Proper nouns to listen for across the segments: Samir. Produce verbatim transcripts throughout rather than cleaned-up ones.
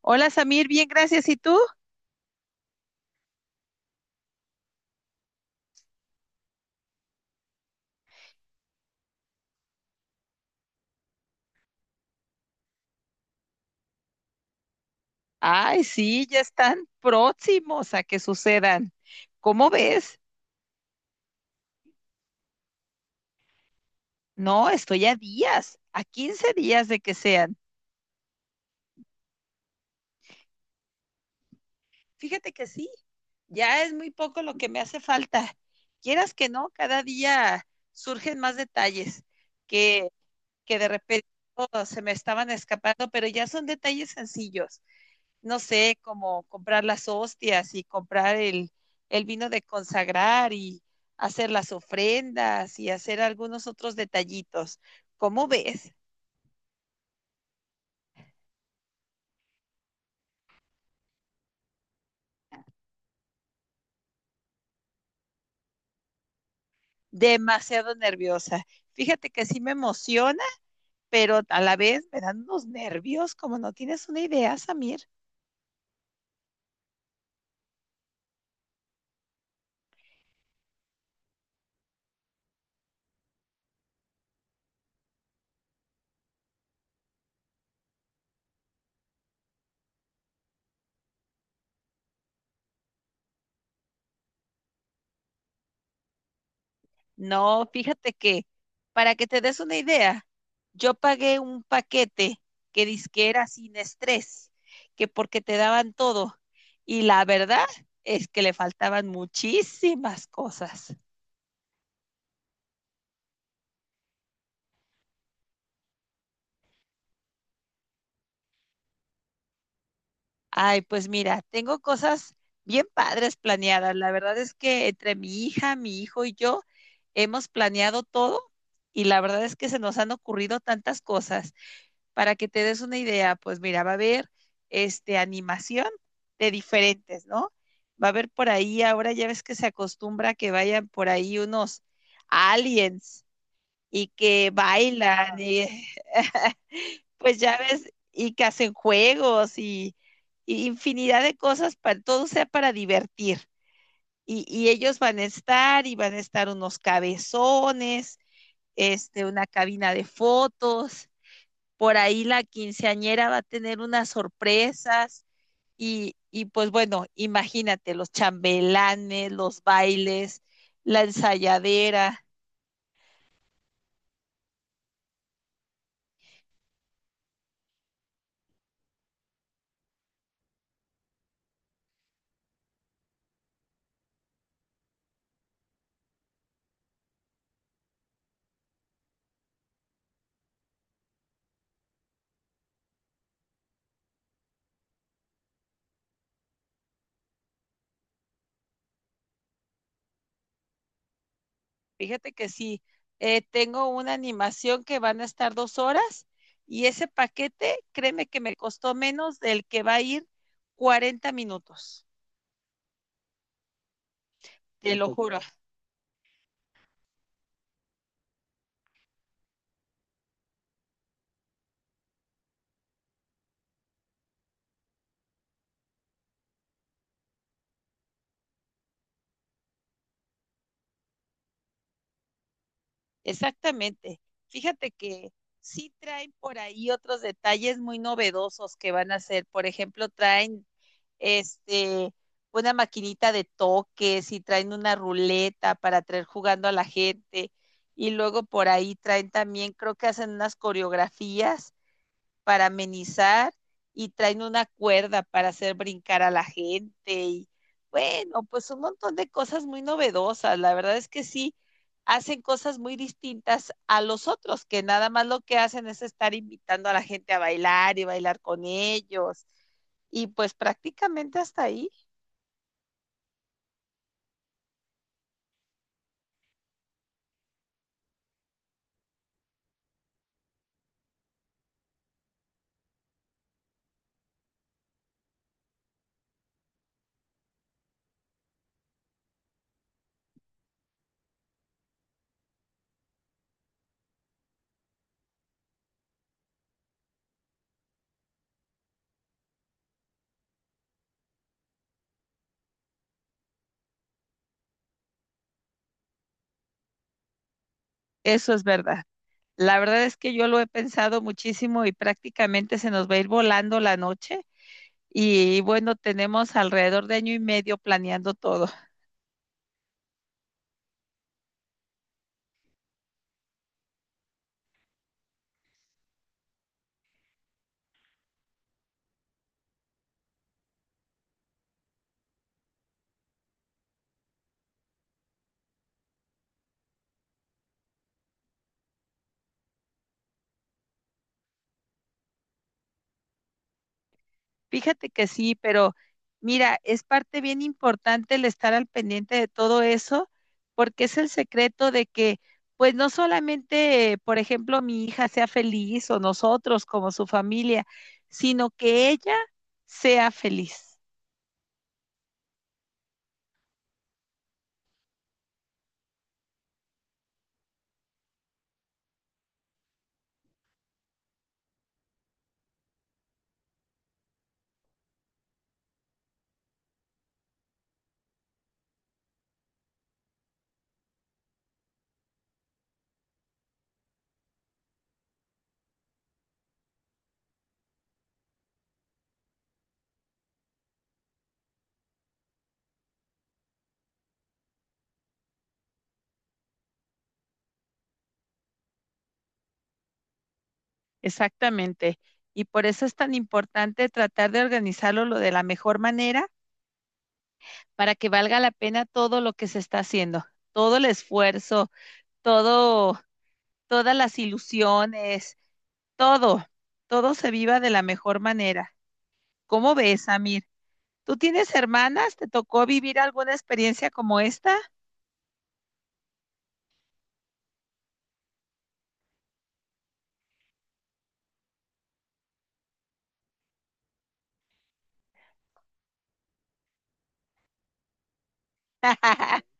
Hola Samir, bien, gracias. ¿Y tú? Ay, sí, ya están próximos a que sucedan. ¿Cómo ves? No, estoy a días, a quince días de que sean. Fíjate que sí, ya es muy poco lo que me hace falta. Quieras que no, cada día surgen más detalles que, que de repente oh, se me estaban escapando, pero ya son detalles sencillos. No sé, como comprar las hostias y comprar el, el vino de consagrar y hacer las ofrendas y hacer algunos otros detallitos. ¿Cómo ves? Demasiado nerviosa. Fíjate que sí me emociona, pero a la vez me dan unos nervios como no tienes una idea, Samir. No, fíjate que, para que te des una idea, yo pagué un paquete que dizque era sin estrés, que porque te daban todo. Y la verdad es que le faltaban muchísimas cosas. Ay, pues mira, tengo cosas bien padres planeadas. La verdad es que entre mi hija, mi hijo y yo hemos planeado todo y la verdad es que se nos han ocurrido tantas cosas. Para que te des una idea, pues mira, va a haber este, animación de diferentes, ¿no? Va a haber por ahí, ahora ya ves que se acostumbra que vayan por ahí unos aliens y que bailan y pues ya ves, y que hacen juegos y, y infinidad de cosas, para, todo sea para divertir. Y, y ellos van a estar y van a estar unos cabezones, este, una cabina de fotos, por ahí la quinceañera va a tener unas sorpresas y, y pues bueno, imagínate los chambelanes, los bailes, la ensayadera. Fíjate que sí, eh, tengo una animación que van a estar dos horas y ese paquete, créeme que me costó menos del que va a ir cuarenta minutos, te lo juro. Exactamente. Fíjate que sí traen por ahí otros detalles muy novedosos que van a hacer. Por ejemplo, traen este una maquinita de toques y traen una ruleta para traer jugando a la gente. Y luego por ahí traen también, creo que hacen unas coreografías para amenizar y traen una cuerda para hacer brincar a la gente y bueno, pues un montón de cosas muy novedosas. La verdad es que sí, hacen cosas muy distintas a los otros, que nada más lo que hacen es estar invitando a la gente a bailar y bailar con ellos. Y pues prácticamente hasta ahí, eso es verdad. La verdad es que yo lo he pensado muchísimo y prácticamente se nos va a ir volando la noche. Y bueno, tenemos alrededor de año y medio planeando todo. Fíjate que sí, pero mira, es parte bien importante el estar al pendiente de todo eso, porque es el secreto de que, pues no solamente, eh, por ejemplo, mi hija sea feliz o nosotros como su familia, sino que ella sea feliz. Exactamente. Y por eso es tan importante tratar de organizarlo lo de la mejor manera para que valga la pena todo lo que se está haciendo, todo el esfuerzo, todo, todas las ilusiones. Todo, todo se viva de la mejor manera. ¿Cómo ves, Amir? ¿Tú tienes hermanas? ¿Te tocó vivir alguna experiencia como esta?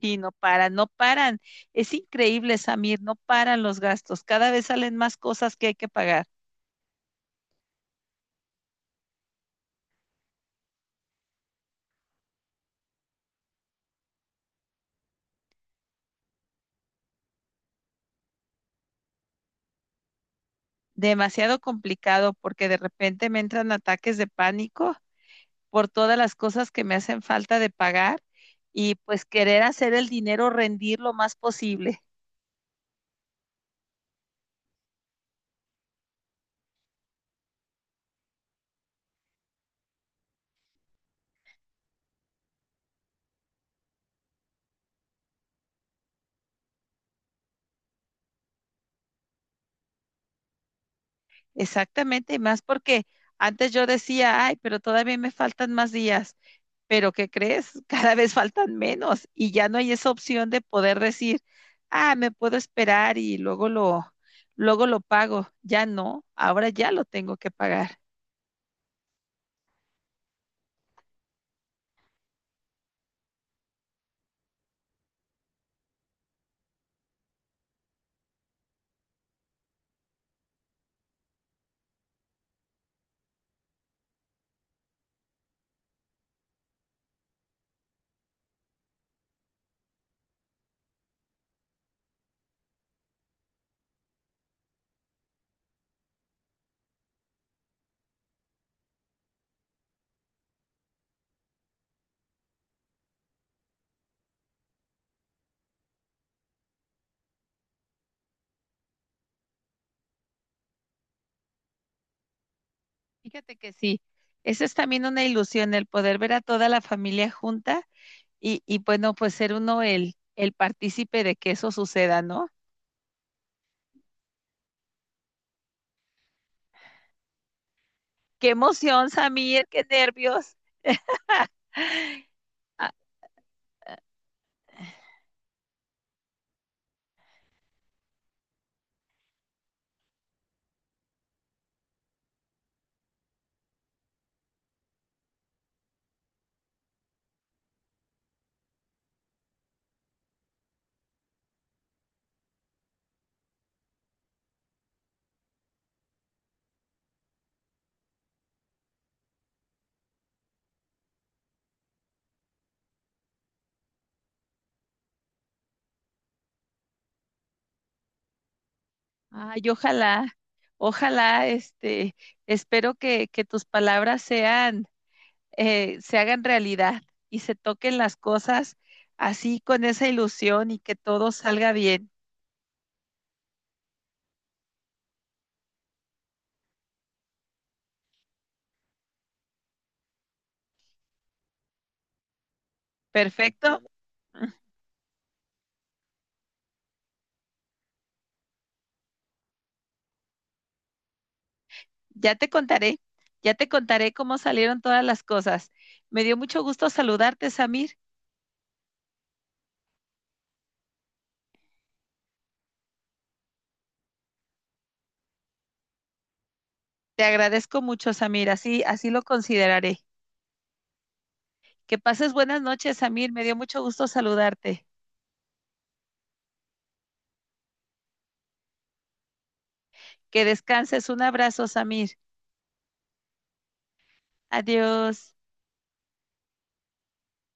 Y no paran, no paran. Es increíble, Samir, no paran los gastos. Cada vez salen más cosas que hay que pagar. Demasiado complicado porque de repente me entran ataques de pánico por todas las cosas que me hacen falta de pagar y pues querer hacer el dinero rendir lo más posible. Exactamente, y más porque antes yo decía, ay, pero todavía me faltan más días, pero ¿qué crees? Cada vez faltan menos y ya no hay esa opción de poder decir, ah, me puedo esperar y luego lo, luego lo pago. Ya no, ahora ya lo tengo que pagar. Fíjate que sí, esa es también una ilusión, el poder ver a toda la familia junta y, y bueno, pues ser uno el, el partícipe de que eso suceda, ¿no? Qué emoción, Samir, qué nervios. Ah, ay, ojalá, ojalá, este, espero que, que tus palabras sean, eh, se hagan realidad y se toquen las cosas así con esa ilusión y que todo salga bien. Perfecto. Ya te contaré, ya te contaré cómo salieron todas las cosas. Me dio mucho gusto saludarte, Samir. Te agradezco mucho, Samir. Así, así lo consideraré. Que pases buenas noches, Samir. Me dio mucho gusto saludarte. Que descanses. Un abrazo, Samir. Adiós.